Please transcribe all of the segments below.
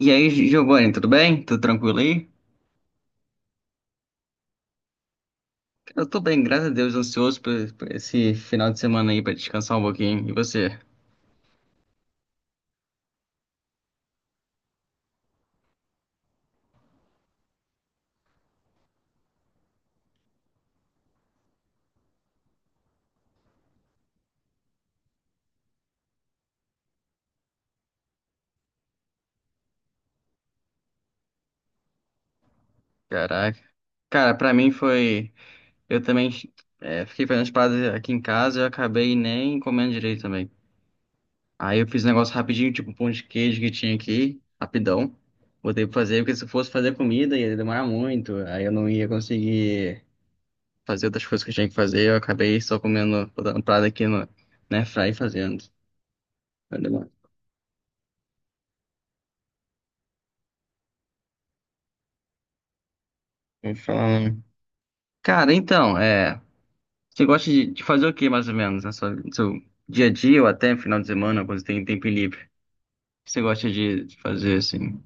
E aí, Giovanni, tudo bem? Tudo tranquilo aí? Eu tô bem, graças a Deus, ansioso por esse final de semana aí pra descansar um pouquinho. E você? Caraca. Cara, pra mim foi. Eu também fiquei fazendo as paradas aqui em casa e eu acabei nem comendo direito também. Aí eu fiz um negócio rapidinho, tipo um pão de queijo que tinha aqui, rapidão. Botei pra fazer, porque se eu fosse fazer comida ia demorar muito. Aí eu não ia conseguir fazer outras coisas que eu tinha que fazer. Eu acabei só comendo, botando parada aqui no, na airfryer e fazendo. Vai demorar. Vou falar. Cara, então, é. Você gosta de fazer o que mais ou menos no seu dia a dia ou até final de semana, quando você tem tempo livre? O que você gosta de fazer assim?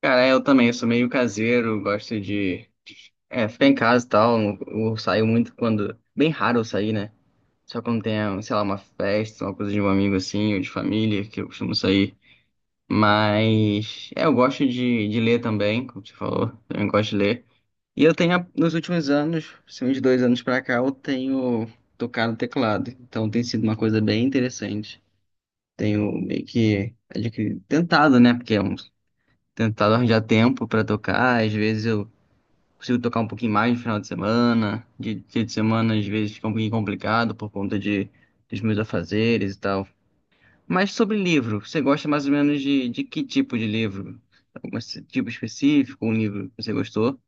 Cara, eu também, eu sou meio caseiro, gosto de ficar em casa e tal. Eu saio muito quando. Bem raro eu sair, né? Só quando tem, sei lá, uma festa, uma coisa de um amigo assim, ou de família, que eu costumo sair. Mas. É, eu gosto de ler também, como você falou, eu gosto de ler. E eu tenho, nos últimos anos, assim, uns dois anos pra cá, eu tenho tocado teclado. Então tem sido uma coisa bem interessante. Tenho meio que adquirido, tentado, né? Tentado arranjar tempo pra tocar. Às vezes eu consigo tocar um pouquinho mais no final de semana. De dia de semana, às vezes fica um pouquinho complicado dos meus afazeres e tal. Mas sobre livro, você gosta mais ou menos de que tipo de livro? Algum esse tipo específico, um livro que você gostou?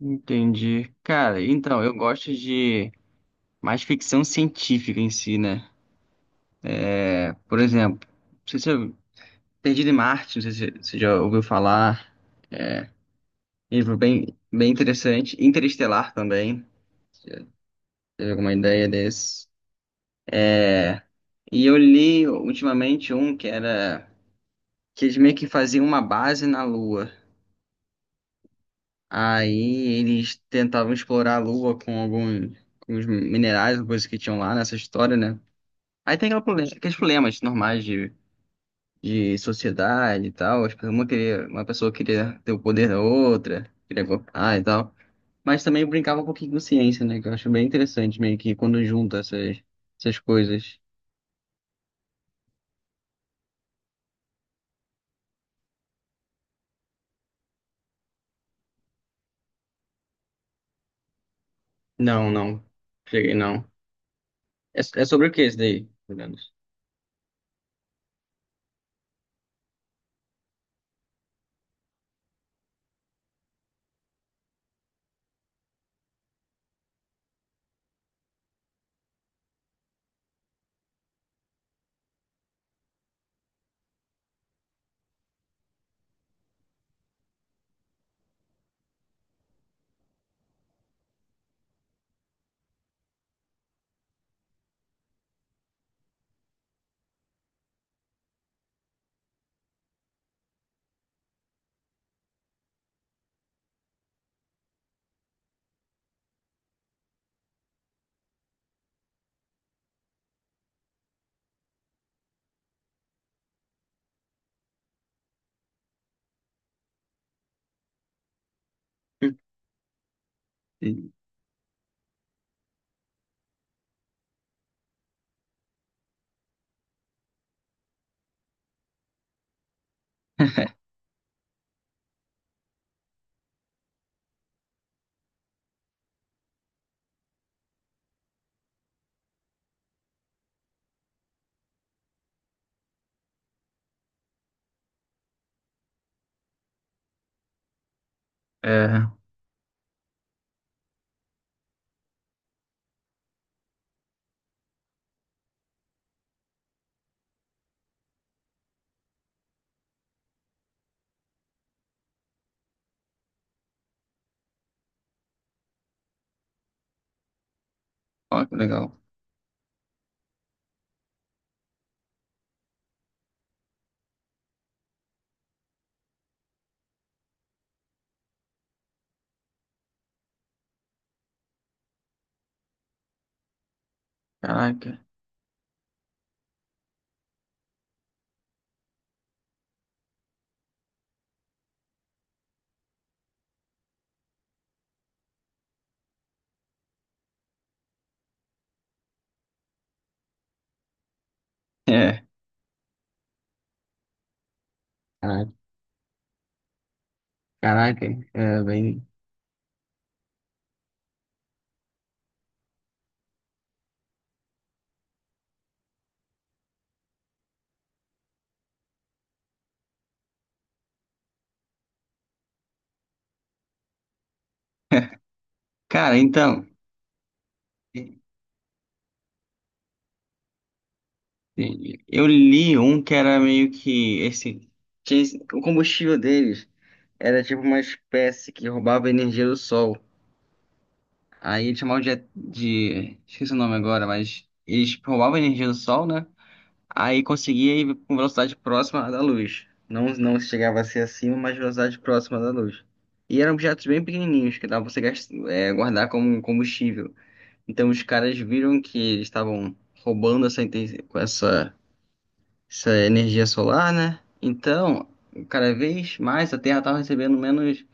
Entendi. Cara, então, eu gosto de mais ficção científica em si, né? É, por exemplo, não sei se eu... Perdido em Marte, não sei se você já ouviu falar. Livro bem interessante. Interestelar também. Teve alguma ideia desse? E eu li ultimamente um que era... Que eles meio que faziam uma base na Lua. Aí eles tentavam explorar a Lua com algum, com os minerais, coisas que tinham lá nessa história, né? Aí tem aqueles problemas normais de sociedade e tal. Uma queria, uma pessoa queria ter o poder da outra, queria golpear e tal. Mas também brincava um pouquinho com ciência, né? Que eu acho bem interessante, meio que quando junta essas coisas. Não, não. Cheguei, não. É, é sobre o que esse daí, pelo menos? Hum. É, ó, que legal. Caraca. É, caraca. Caraca, é bem. Cara, então, eu li um que era meio que esse. Tinha o combustível deles. Era tipo uma espécie que roubava energia do sol. Aí eles chamavam de... Esqueci o nome agora, mas eles tipo, roubavam energia do sol, né? Aí conseguia ir com velocidade próxima à da luz. Não, não chegava a ser acima, mas velocidade próxima da luz. E eram objetos bem pequenininhos que dava pra você guardar como um combustível. Então os caras viram que eles estavam roubando essa, inten- com essa, essa energia solar, né? Então, cada vez mais a Terra estava recebendo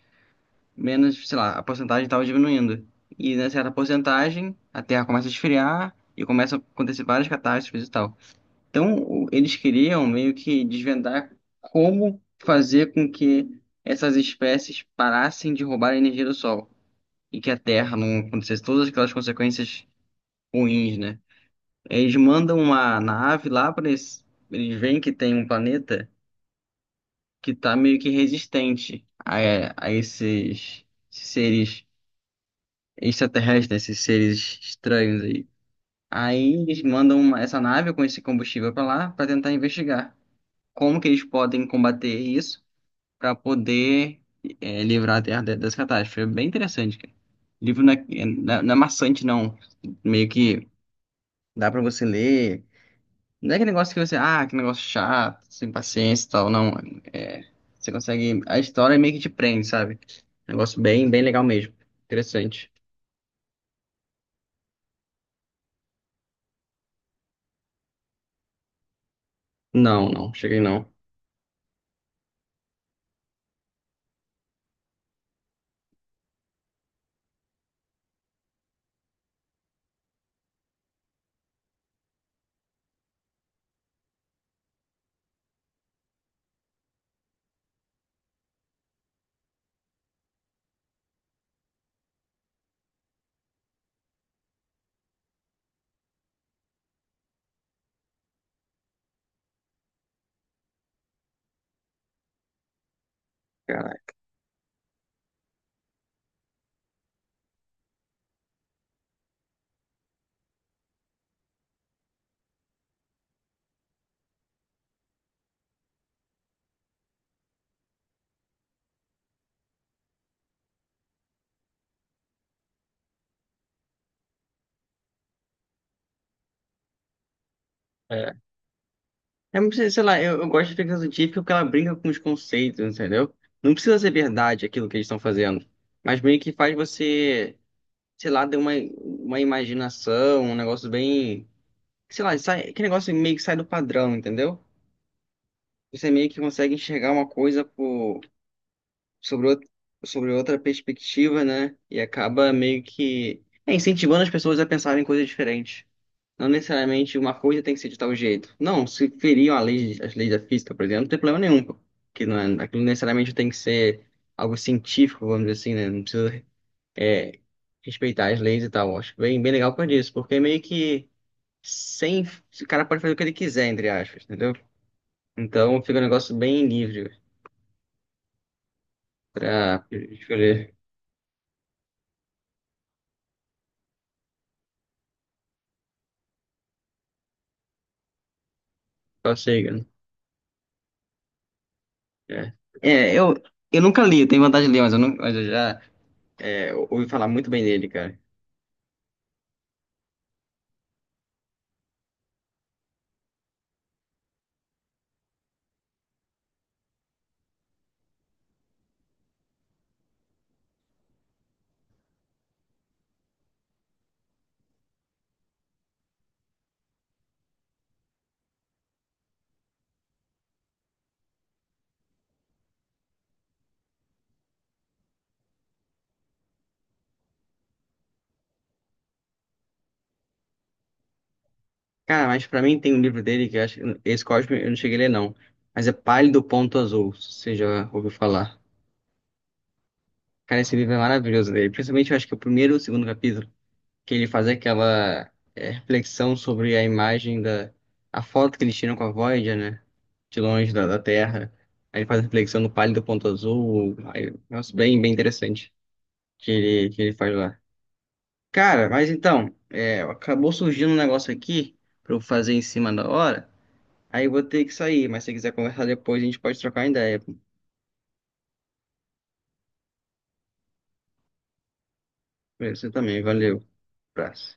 menos, sei lá, a porcentagem estava diminuindo. E nessa certa porcentagem, a Terra começa a esfriar e começa a acontecer várias catástrofes e tal. Então, eles queriam meio que desvendar como fazer com que essas espécies parassem de roubar a energia do Sol e que a Terra não acontecesse todas aquelas consequências ruins, né? Eles mandam uma nave lá para eles, eles veem que tem um planeta que está meio que resistente a esses seres extraterrestres, esses seres estranhos aí. Aí eles mandam essa nave com esse combustível para lá para tentar investigar como que eles podem combater isso para poder livrar a Terra dessa catástrofe. É bem interessante, cara. O livro não é maçante, não. Meio que dá para você ler. Não é aquele negócio que você, ah, que negócio chato, sem paciência e tal, não. É, você consegue. A história meio que te prende, sabe? Negócio bem legal mesmo. Interessante. Não, não, cheguei não. Caralho. É, não precisa- sei lá, eu gosto de ficção científica porque ela brinca com os conceitos, entendeu? Não precisa ser verdade aquilo que eles estão fazendo, mas meio que faz você, sei lá, ter uma imaginação, um negócio bem, sei lá, sai, aquele negócio meio que sai do padrão, entendeu? Você meio que consegue enxergar uma coisa sobre, outra- sobre outra perspectiva, né? E acaba meio que incentivando as pessoas a pensarem em coisas diferentes. Não necessariamente uma coisa tem que ser de tal jeito. Não, se feriam as leis da física, por exemplo, não tem problema nenhum, pô. Que não é, aquilo necessariamente tem que ser algo científico, vamos dizer assim, né? Não precisa é, respeitar as leis e tal. Eu acho bem legal por isso, porque é meio que sem. O cara pode fazer o que ele quiser, entre aspas, entendeu? Então fica um negócio bem livre pra escolher qual signo. É. É, eu nunca li, eu tenho vontade de ler, mas eu, não, mas eu já ouvi falar muito bem dele, cara. Cara, mas pra mim tem um livro dele que eu acho esse Cosme eu não cheguei a ler, não. Mas é Pálido Ponto Azul, se você já ouviu falar. Cara, esse livro é maravilhoso dele. Principalmente eu acho que o primeiro e o segundo capítulo, que ele faz aquela reflexão sobre a imagem da... A foto que eles tiram com a Voyager, né? De longe da Terra. Aí ele faz a reflexão no Pálido Ponto Azul. Aí, nossa, bem interessante que ele faz lá. Cara, mas então, é, acabou surgindo um negócio aqui pra eu fazer em cima da hora. Aí eu vou ter que sair, mas se quiser conversar depois, a gente pode trocar ideia. Pra você também, valeu. Abraço.